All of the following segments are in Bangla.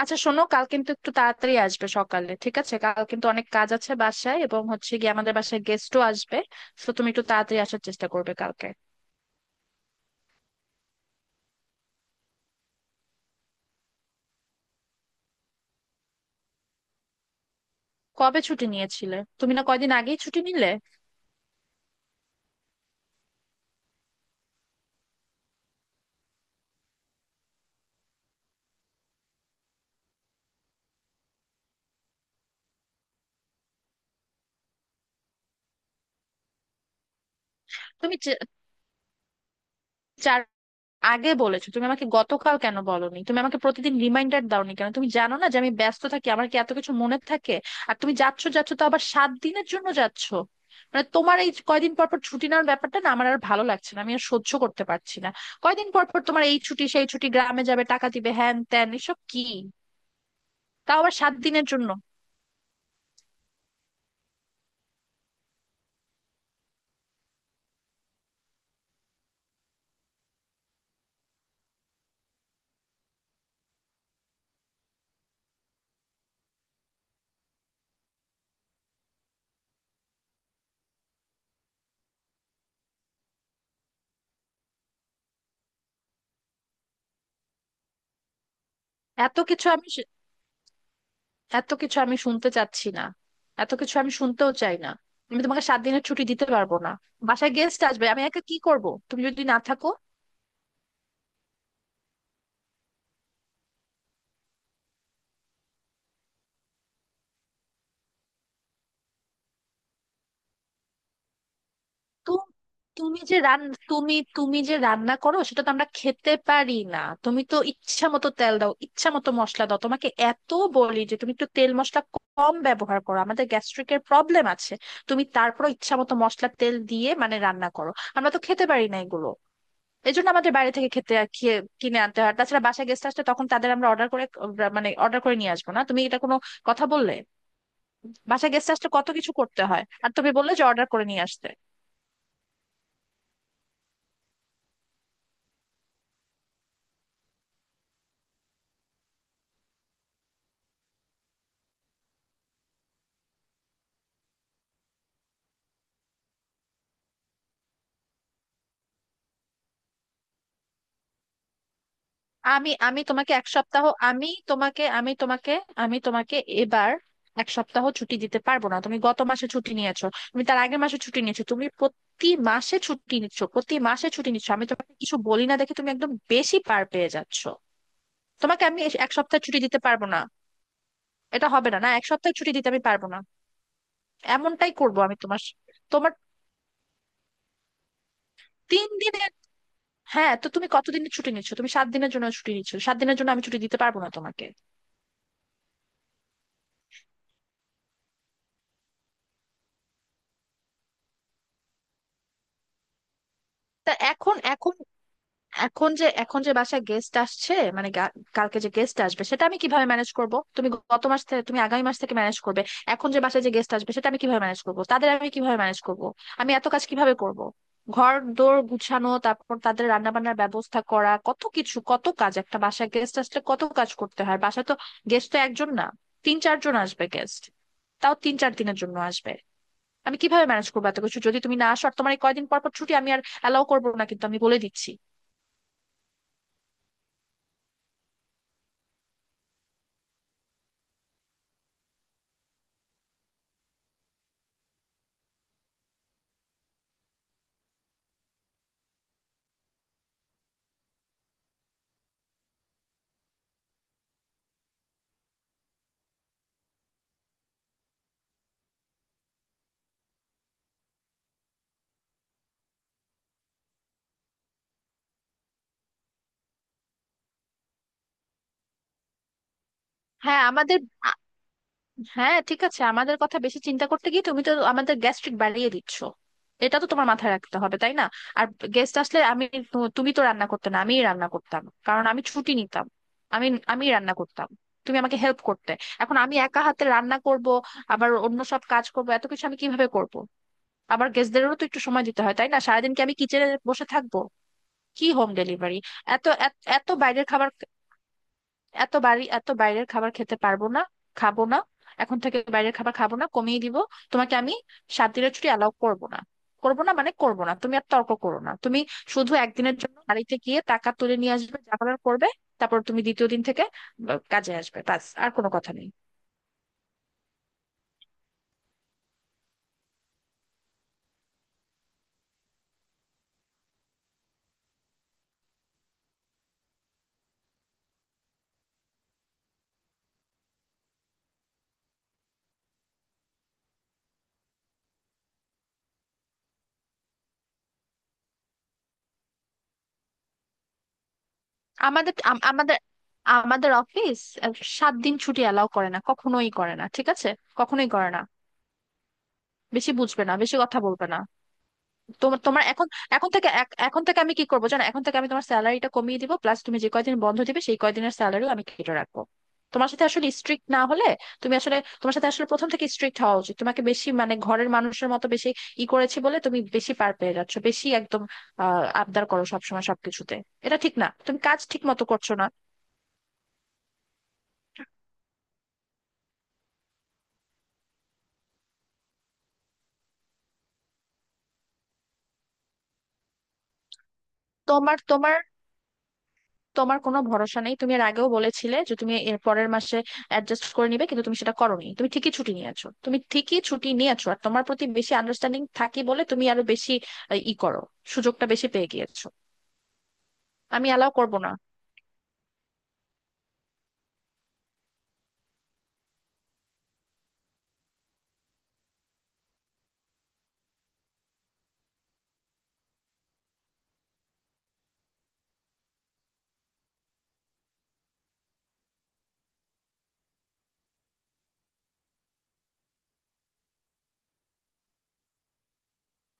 আচ্ছা শোনো, কাল কিন্তু একটু তাড়াতাড়ি আসবে সকালে, ঠিক আছে? কাল কিন্তু অনেক কাজ আছে বাসায়, এবং হচ্ছে গিয়ে আমাদের বাসায় গেস্টও আসবে। তো তুমি একটু তাড়াতাড়ি আসার চেষ্টা করবে কালকে। কবে ছুটি নিয়েছিলে তুমি? না, কয়দিন আগেই ছুটি নিলে। তুমি চে- চার আগে বলেছো তুমি আমাকে, গতকাল কেন বলোনি তুমি আমাকে? প্রতিদিন রিমাইন্ডার দাওনি কেন? তুমি জানো না যে আমি ব্যস্ত থাকি? আমার কি এত কিছু মনে থাকে? আর তুমি যাচ্ছ যাচ্ছ তো, আবার 7 দিনের জন্য যাচ্ছ। মানে তোমার এই কয়দিন পর পর ছুটি নেওয়ার ব্যাপারটা না, আমার আর ভালো লাগছে না, আমি আর সহ্য করতে পারছি না। কয়দিন পর পর তোমার এই ছুটি সেই ছুটি, গ্রামে যাবে, টাকা দিবে, হ্যান ত্যান, এসব কি? তাও আবার 7 দিনের জন্য। এত কিছু আমি এত কিছু আমি শুনতে চাচ্ছি না এত কিছু আমি শুনতেও চাই না। আমি তোমাকে 7 দিনের ছুটি দিতে পারবো না। বাসায় গেস্ট আসবে, আমি একা কি করব তুমি যদি না থাকো? তো তুমি যে রান তুমি তুমি যে রান্না করো সেটা তো আমরা খেতে পারি না। তুমি তো ইচ্ছা মতো তেল দাও, ইচ্ছা মতো মশলা দাও। তোমাকে এত বলি যে তুমি একটু তেল মশলা কম ব্যবহার করো, আমাদের গ্যাস্ট্রিকের প্রবলেম আছে। তুমি তারপর ইচ্ছা মতো মশলা তেল দিয়ে মানে রান্না করো, আমরা তো খেতে পারি না এগুলো। এই জন্য আমাদের বাইরে থেকে খেতে খেয়ে কিনে আনতে হয়। আর তাছাড়া বাসায় গেস্ট আসলে তখন তাদের আমরা অর্ডার করে মানে অর্ডার করে নিয়ে আসবো না, তুমি এটা কোনো কথা বললে? বাসায় গেস্ট আসলে কত কিছু করতে হয়, আর তুমি বললে যে অর্ডার করে নিয়ে আসতে? আমি আমি তোমাকে 1 সপ্তাহ আমি তোমাকে আমি তোমাকে আমি তোমাকে এবার 1 সপ্তাহ ছুটি দিতে পারবো না। তুমি গত মাসে ছুটি নিয়েছো, তুমি তার আগের মাসে ছুটি নিয়েছো, তুমি প্রতি মাসে ছুটি নিচ্ছ। প্রতি মাসে ছুটি নিচ্ছ, আমি তোমাকে কিছু বলি না দেখে তুমি একদম বেশি পার পেয়ে যাচ্ছ। তোমাকে আমি 1 সপ্তাহ ছুটি দিতে পারবো না। এটা হবে না, না, 1 সপ্তাহ ছুটি দিতে আমি পারবো না। এমনটাই করব আমি। তোমার তোমার তিন দিনের হ্যাঁ, তো তুমি কতদিনের ছুটি নিচ্ছ? তুমি 7 দিনের জন্য ছুটি নিচ্ছ, 7 দিনের জন্য আমি ছুটি দিতে পারবো না তোমাকে। তা এখন এখন এখন যে বাসায় গেস্ট আসছে মানে কালকে যে গেস্ট আসবে সেটা আমি কিভাবে ম্যানেজ করব? তুমি গত মাস থেকে, তুমি আগামী মাস থেকে ম্যানেজ করবে। এখন যে বাসায় যে গেস্ট আসবে সেটা আমি কিভাবে ম্যানেজ করব? তাদের আমি কিভাবে ম্যানেজ করব? আমি এত কাজ কিভাবে করব? ঘর দোর গুছানো, তারপর তাদের রান্না বান্নার ব্যবস্থা করা, কত কিছু, কত কাজ একটা বাসায় গেস্ট আসলে কত কাজ করতে হয় বাসায়। তো গেস্ট তো একজন না, 3 4 জন আসবে গেস্ট, তাও 3 4 দিনের জন্য আসবে। আমি কিভাবে ম্যানেজ করবো এত কিছু যদি তুমি না আসো? আর তোমার এই কয়দিন পর পর ছুটি আমি আর অ্যালাউ করবো না কিন্তু, আমি বলে দিচ্ছি। হ্যাঁ আমাদের আ- হ্যাঁ, ঠিক আছে, আমাদের কথা বেশি চিন্তা করতে গিয়ে তুমি তো আমাদের গ্যাস্ট্রিক বাড়িয়ে দিচ্ছ। এটা তো তোমার মাথায় রাখতে হবে, তাই না? আর গেস্ট আসলে আমি, তুমি তো রান্না করতে না, আমিই রান্না করতাম কারণ আমি ছুটি নিতাম। আমি আমি রান্না করতাম, তুমি আমাকে হেল্প করতে। এখন আমি একা হাতে রান্না করব, আবার অন্য সব কাজ করব, এত কিছু আমি কিভাবে করব? আবার গেস্টদেরও তো একটু সময় দিতে হয়, তাই না? সারাদিন কি আমি কিচেনে বসে থাকবো? কি হোম ডেলিভারি? এত এত এত বাইরের খাবার, এত বাইরের খাবার খেতে পারবো না, খাবো না। এখন থেকে বাইরের খাবার খাবো না, কমিয়ে দিব। তোমাকে আমি 7 দিনের ছুটি অ্যালাউ করবো না। করবো না মানে করবো না, তুমি আর তর্ক করো না তুমি। শুধু 1 দিনের জন্য বাড়িতে গিয়ে টাকা তুলে নিয়ে আসবে, যা করার করবে। তারপর তুমি 2য় দিন থেকে কাজে আসবে, ব্যাস, আর কোনো কথা নেই। আমাদের আমাদের অফিস 7 দিন ছুটি অ্যালাউ করে না, কখনোই করে না, ঠিক আছে? কখনোই করে না। বেশি বুঝবে না, বেশি কথা বলবে না। তোমার তোমার এখন, এখন থেকে আমি কি করবো জানো, এখন থেকে আমি তোমার স্যালারিটা কমিয়ে দিব। প্লাস তুমি যে কয়দিন বন্ধ দিবে, সেই কয়দিনের স্যালারিও আমি কেটে রাখবো। তোমার সাথে আসলে স্ট্রিক্ট না হলে, তুমি আসলে তোমার সাথে আসলে প্রথম থেকে স্ট্রিক্ট হওয়া উচিত। তোমাকে বেশি মানে ঘরের মানুষের মতো বেশি ই করেছি বলে তুমি বেশি পার পেয়ে যাচ্ছ, বেশি একদম আবদার করো সবসময় সবকিছুতে। এটা ঠিক না, তুমি কাজ ঠিক মতো করছো না। তোমার তোমার তোমার কোনো ভরসা নেই। তুমি এর আগেও বলেছিলে যে তুমি এর পরের মাসে অ্যাডজাস্ট করে নিবে, কিন্তু তুমি সেটা করোনি, তুমি ঠিকই ছুটি নিয়েছো। তুমি ঠিকই ছুটি নিয়েছো, আর তোমার প্রতি বেশি আন্ডারস্ট্যান্ডিং থাকি বলে তুমি আরো বেশি ই করো, সুযোগটা বেশি পেয়ে গিয়েছো। আমি অ্যালাউ করবো না।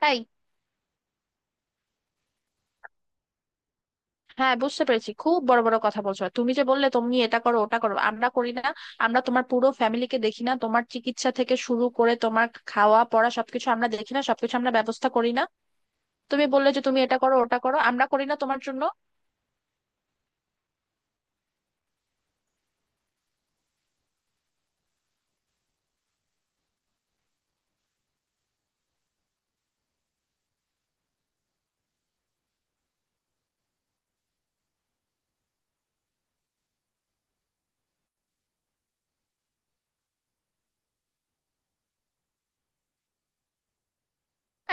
তাই। হ্যাঁ, বুঝতে পেরেছি, খুব বড় বড় কথা বলছো। আর তুমি যে বললে তুমি এটা করো ওটা করো, আমরা করি না? আমরা তোমার পুরো ফ্যামিলিকে দেখি না? তোমার চিকিৎসা থেকে শুরু করে তোমার খাওয়া পড়া সবকিছু আমরা দেখি না? সবকিছু আমরা ব্যবস্থা করি না? তুমি বললে যে তুমি এটা করো ওটা করো, আমরা করি না তোমার জন্য?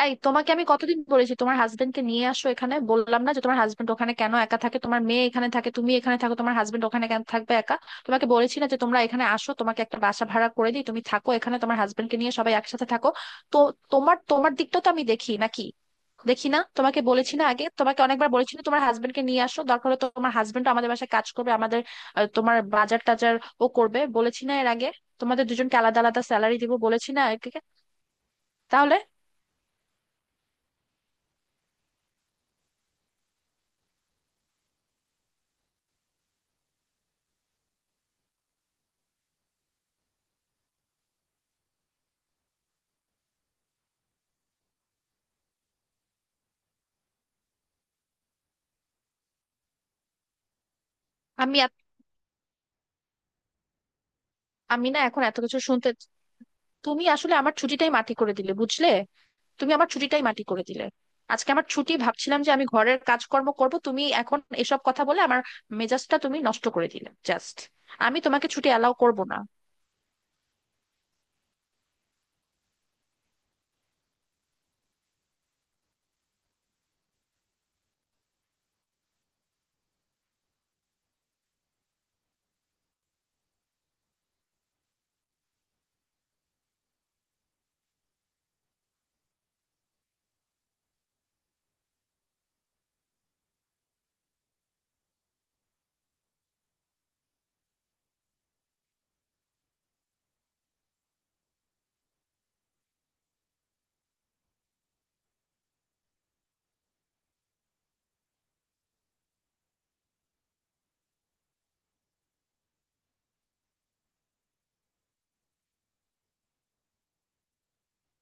এই, তোমাকে আমি কতদিন বলেছি তোমার হাজবেন্ডকে নিয়ে আসো এখানে, বললাম না যে তোমার হাজবেন্ড ওখানে কেন একা থাকে? তোমার মেয়ে এখানে থাকে, তুমি এখানে থাকো, তোমার হাজবেন্ড ওখানে কেন থাকবে একা? তোমাকে বলেছি না যে তোমরা এখানে আসো, তোমাকে একটা বাসা ভাড়া করে দিই, তুমি থাকো এখানে তোমার হাজবেন্ডকে নিয়ে, সবাই একসাথে থাকো। তো তোমার তোমার দিকটা তো আমি দেখি নাকি দেখি না? তোমাকে বলেছি না আগে, তোমাকে অনেকবার বলেছি না তোমার হাজবেন্ডকে নিয়ে আসো? দরকার হলে তোমার হাজবেন্ড আমাদের বাসায় কাজ করবে, আমাদের তোমার বাজার টাজার ও করবে, বলেছি না এর আগে? তোমাদের দুজনকে আলাদা আলাদা স্যালারি দিব, বলেছি না একে? তাহলে আমি, আমি না এখন এত কিছু শুনতে। তুমি আসলে আমার ছুটিটাই মাটি করে দিলে, বুঝলে? তুমি আমার ছুটিটাই মাটি করে দিলে। আজকে আমার ছুটি, ভাবছিলাম যে আমি ঘরের কাজকর্ম করব, তুমি এখন এসব কথা বলে আমার মেজাজটা তুমি নষ্ট করে দিলে জাস্ট। আমি তোমাকে ছুটি অ্যালাউ করব না।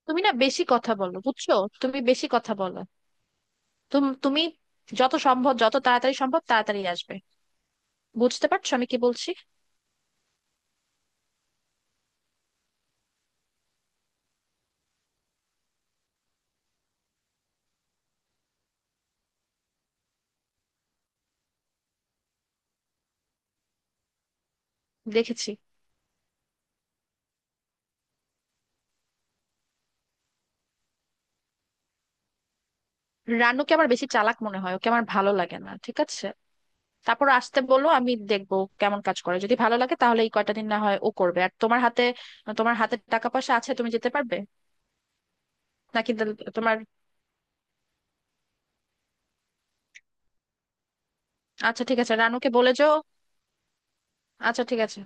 তুমি না বেশি কথা বলো, বুঝছো? তুমি বেশি কথা বলো। তুমি যত সম্ভব, যত তাড়াতাড়ি সম্ভব তাড়াতাড়ি আসবে। বুঝতে পারছো আমি কি বলছি? দেখেছি। রানুকে আমার বেশি চালাক মনে হয়, ওকে আমার ভালো লাগে না, ঠিক আছে? তারপর আসতে বলো, আমি দেখবো কেমন কাজ করে। যদি ভালো লাগে তাহলে এই কয়টা দিন না হয় ও করবে। আর তোমার হাতে, তোমার হাতে টাকা পয়সা আছে, তুমি যেতে পারবে নাকি তোমার? আচ্ছা, ঠিক আছে, রানুকে বলে যাও। আচ্ছা, ঠিক আছে।